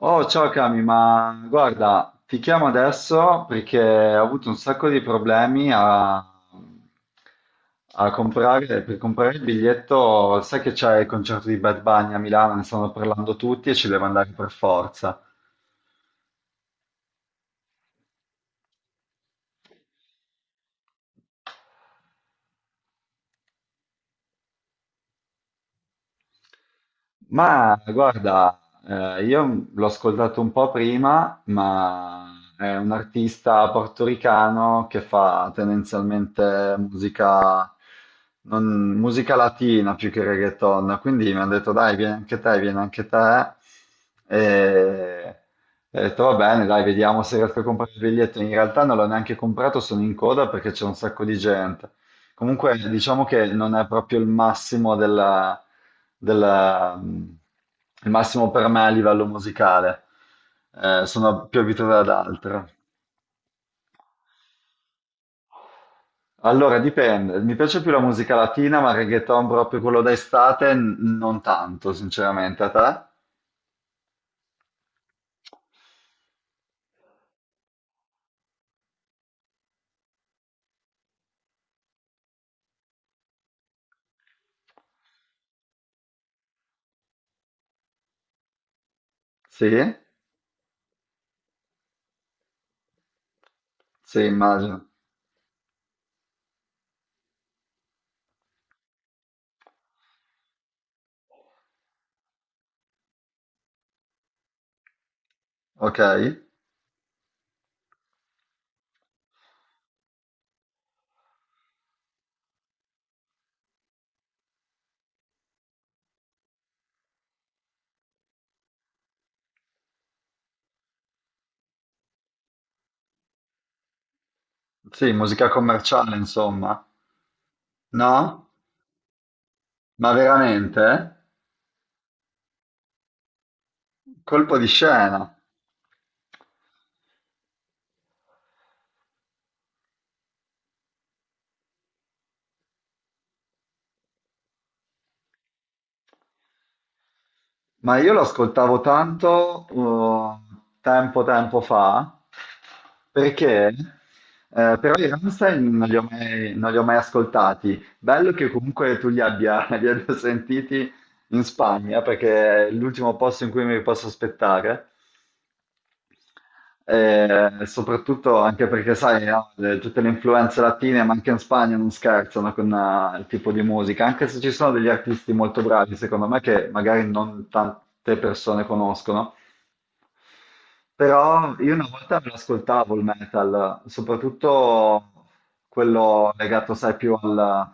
Oh, ciao Cami, ma guarda, ti chiamo adesso perché ho avuto un sacco di problemi a comprare il biglietto. Sai che c'è il concerto di Bad Bunny a Milano, ne stanno parlando tutti e ci devo andare per forza. Ma guarda, io l'ho ascoltato un po' prima, ma è un artista portoricano che fa tendenzialmente musica, musica latina più che reggaeton, quindi mi hanno detto dai, vieni anche te, vieni anche te. E ho detto va bene, dai, vediamo se riesco a comprare il biglietto. In realtà non l'ho neanche comprato, sono in coda perché c'è un sacco di gente. Comunque diciamo che non è proprio il massimo della- mm, il massimo per me a livello musicale. Sono più abituato ad altro. Allora, dipende. Mi piace più la musica latina, ma il reggaeton proprio quello d'estate non tanto, sinceramente. A te? Sì? Sì, immagino. Ok. Sì, musica commerciale, insomma. No? Ma veramente? Colpo di scena. Ma io lo ascoltavo tanto, tempo fa, perché però i Rammstein non li ho mai ascoltati. Bello che comunque tu li abbia, li abbia sentiti in Spagna, perché è l'ultimo posto in cui mi posso aspettare. E soprattutto anche perché, sai, no, tutte le influenze latine, ma anche in Spagna non scherzano con, il tipo di musica, anche se ci sono degli artisti molto bravi, secondo me, che magari non tante persone conoscono. Però io una volta me lo ascoltavo il metal, soprattutto quello legato, sai, più al.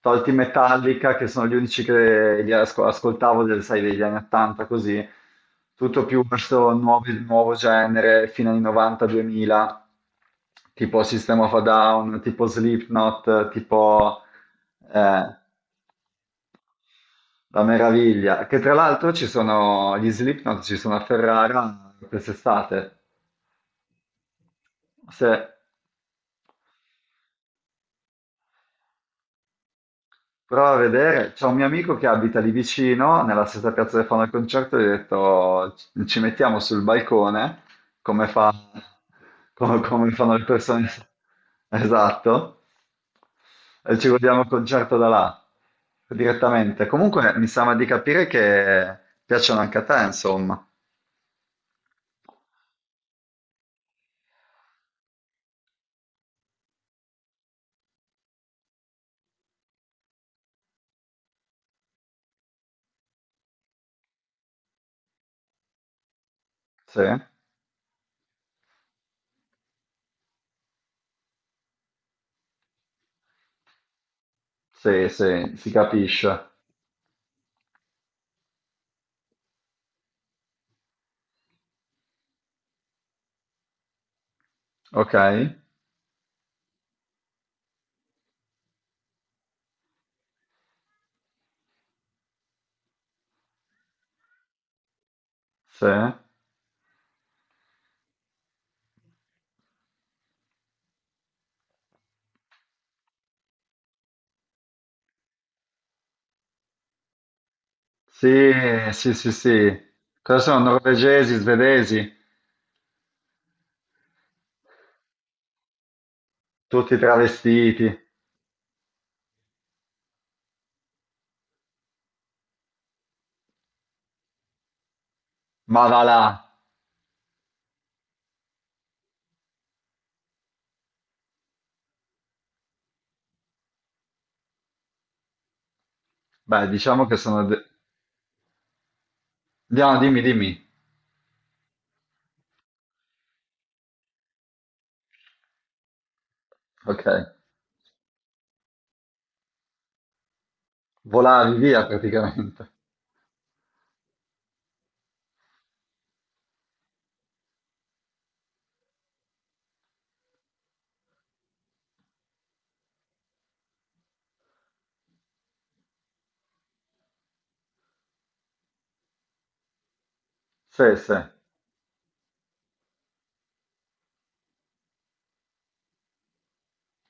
Tolti Metallica, che sono gli unici che ascoltavo, sai, degli anni 80, così. Tutto più verso nuovo genere, fino anni 90-2000, tipo System of a Down, tipo Slipknot, eh, la meraviglia, che tra l'altro ci sono gli Slipknot, ci sono a Ferrara quest'estate. Se prova a vedere, c'è un mio amico che abita lì vicino, nella stessa piazza dove fanno il concerto, e gli ho detto: "Ci mettiamo sul balcone, come fa- come fanno le persone." Esatto, e ci guardiamo il concerto da là, direttamente. Comunque mi sembra di capire che piacciono anche a te, insomma. Sì, sì, sì, si capisce. Ok, sì. Sì, sì, sì, sì. Cosa sono? Norvegesi, svedesi? Tutti travestiti, ma va là. Beh, diciamo che sono. No, dimmi, dimmi. Ok. Volavi via praticamente. Sì, sì,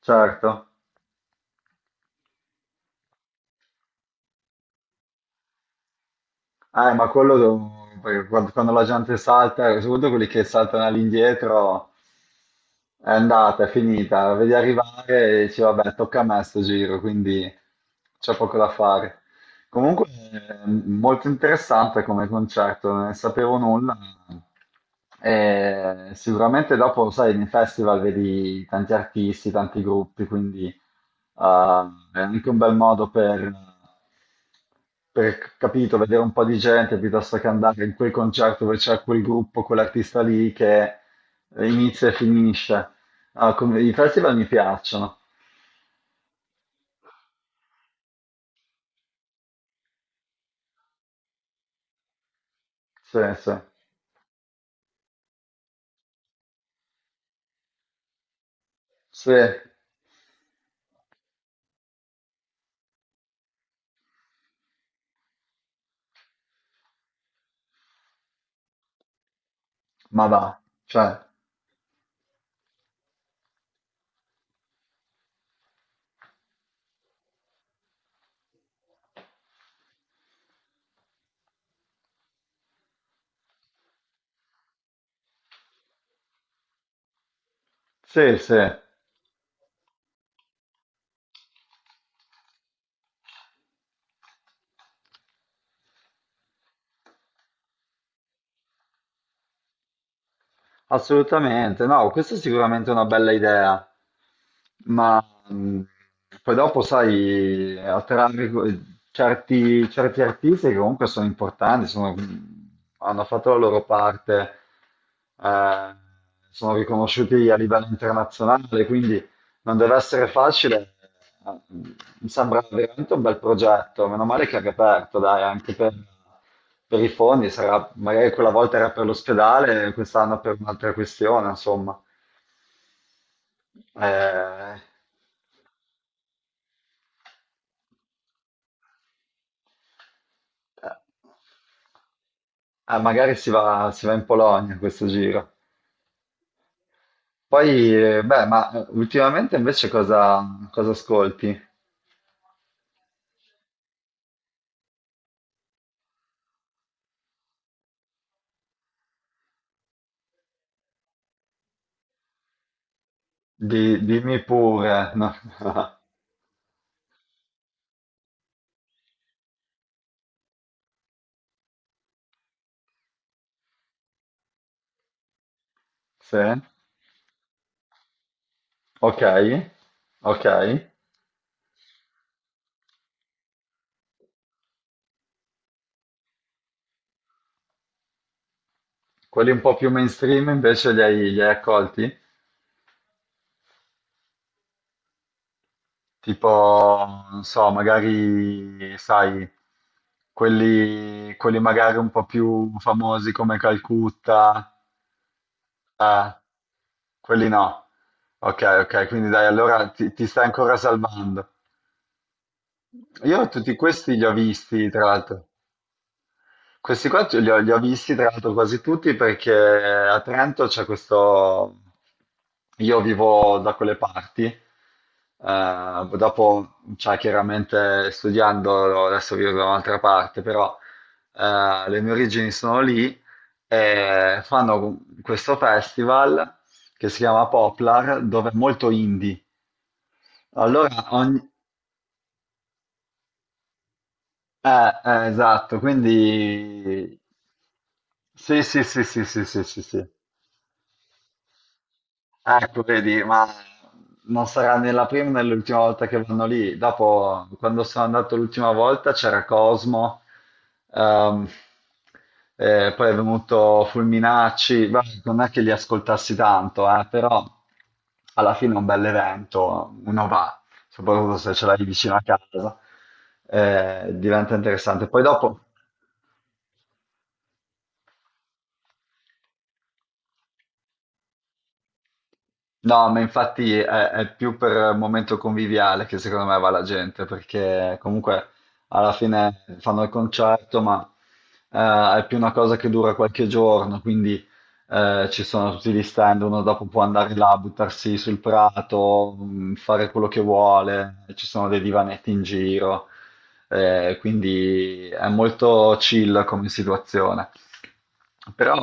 certo. Ma perché quando la gente salta, soprattutto quelli che saltano all'indietro, è andata, è finita, la vedi arrivare e dici vabbè, tocca a me sto giro, quindi c'è poco da fare. Comunque, è molto interessante come concerto, non ne sapevo nulla. E sicuramente dopo, sai, nei festival vedi tanti artisti, tanti gruppi, quindi, è anche un bel modo per, capito, vedere un po' di gente piuttosto che andare in quel concerto dove c'è quel gruppo, quell'artista lì che inizia e finisce. Ah, i festival mi piacciono. Sì, sì, sì, ma va, cioè, sì, sì, assolutamente. No, questa è sicuramente una bella idea, ma, mh, poi dopo, sai, attrarre certi artisti che comunque sono importanti, hanno fatto la loro parte, eh, sono riconosciuti a livello internazionale, quindi non deve essere facile, eh, mi sembra veramente un bel progetto, meno male che è riaperto, dai, anche per, i fondi, sarà, magari quella volta era per l'ospedale, quest'anno per un'altra questione, insomma. Eh, magari si va in Polonia questo giro. Poi, beh, ma, ultimamente invece cosa ascolti? Dimmi pure. No? Sì? Ok, ok. Quelli un po' più mainstream invece li hai accolti? Tipo, non so, magari, sai, quelli magari un po' più famosi come Calcutta, quelli no. Ok, ok, quindi dai, allora ti stai ancora salvando. Io tutti questi li ho visti, tra l'altro. Questi qua li ho visti tra l'altro quasi tutti perché a Trento c'è questo. Io vivo da quelle parti, dopo, cioè, chiaramente studiando, adesso vivo da un'altra parte, però, le mie origini sono lì e fanno questo festival che si chiama Poplar, dove è molto indie. Allora, ogni... eh, esatto, quindi. Sì, sì, sì, sì, sì, sì, sì, sì. Ecco, vedi, ma non sarà né la prima né l'ultima volta che vanno lì. Dopo, quando sono andato l'ultima volta, c'era Cosmo, ehm, poi è venuto Fulminacci. Beh, non è che li ascoltassi tanto, però alla fine è un bel evento, uno va, soprattutto se ce l'hai vicino a casa, diventa interessante. Poi dopo. No, ma infatti è più per momento conviviale che secondo me va la gente, perché comunque alla fine fanno il concerto, ma, è più una cosa che dura qualche giorno, quindi, ci sono tutti gli stand, uno dopo può andare là, buttarsi sul prato, fare quello che vuole, ci sono dei divanetti in giro, quindi è molto chill come situazione. Però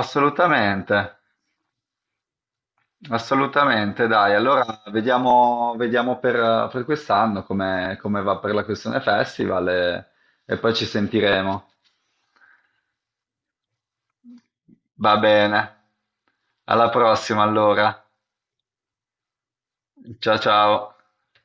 assolutamente. Assolutamente, dai. Allora vediamo per, quest'anno come, va per la questione festival, e poi ci sentiremo. Va bene. Alla prossima allora. Ciao ciao.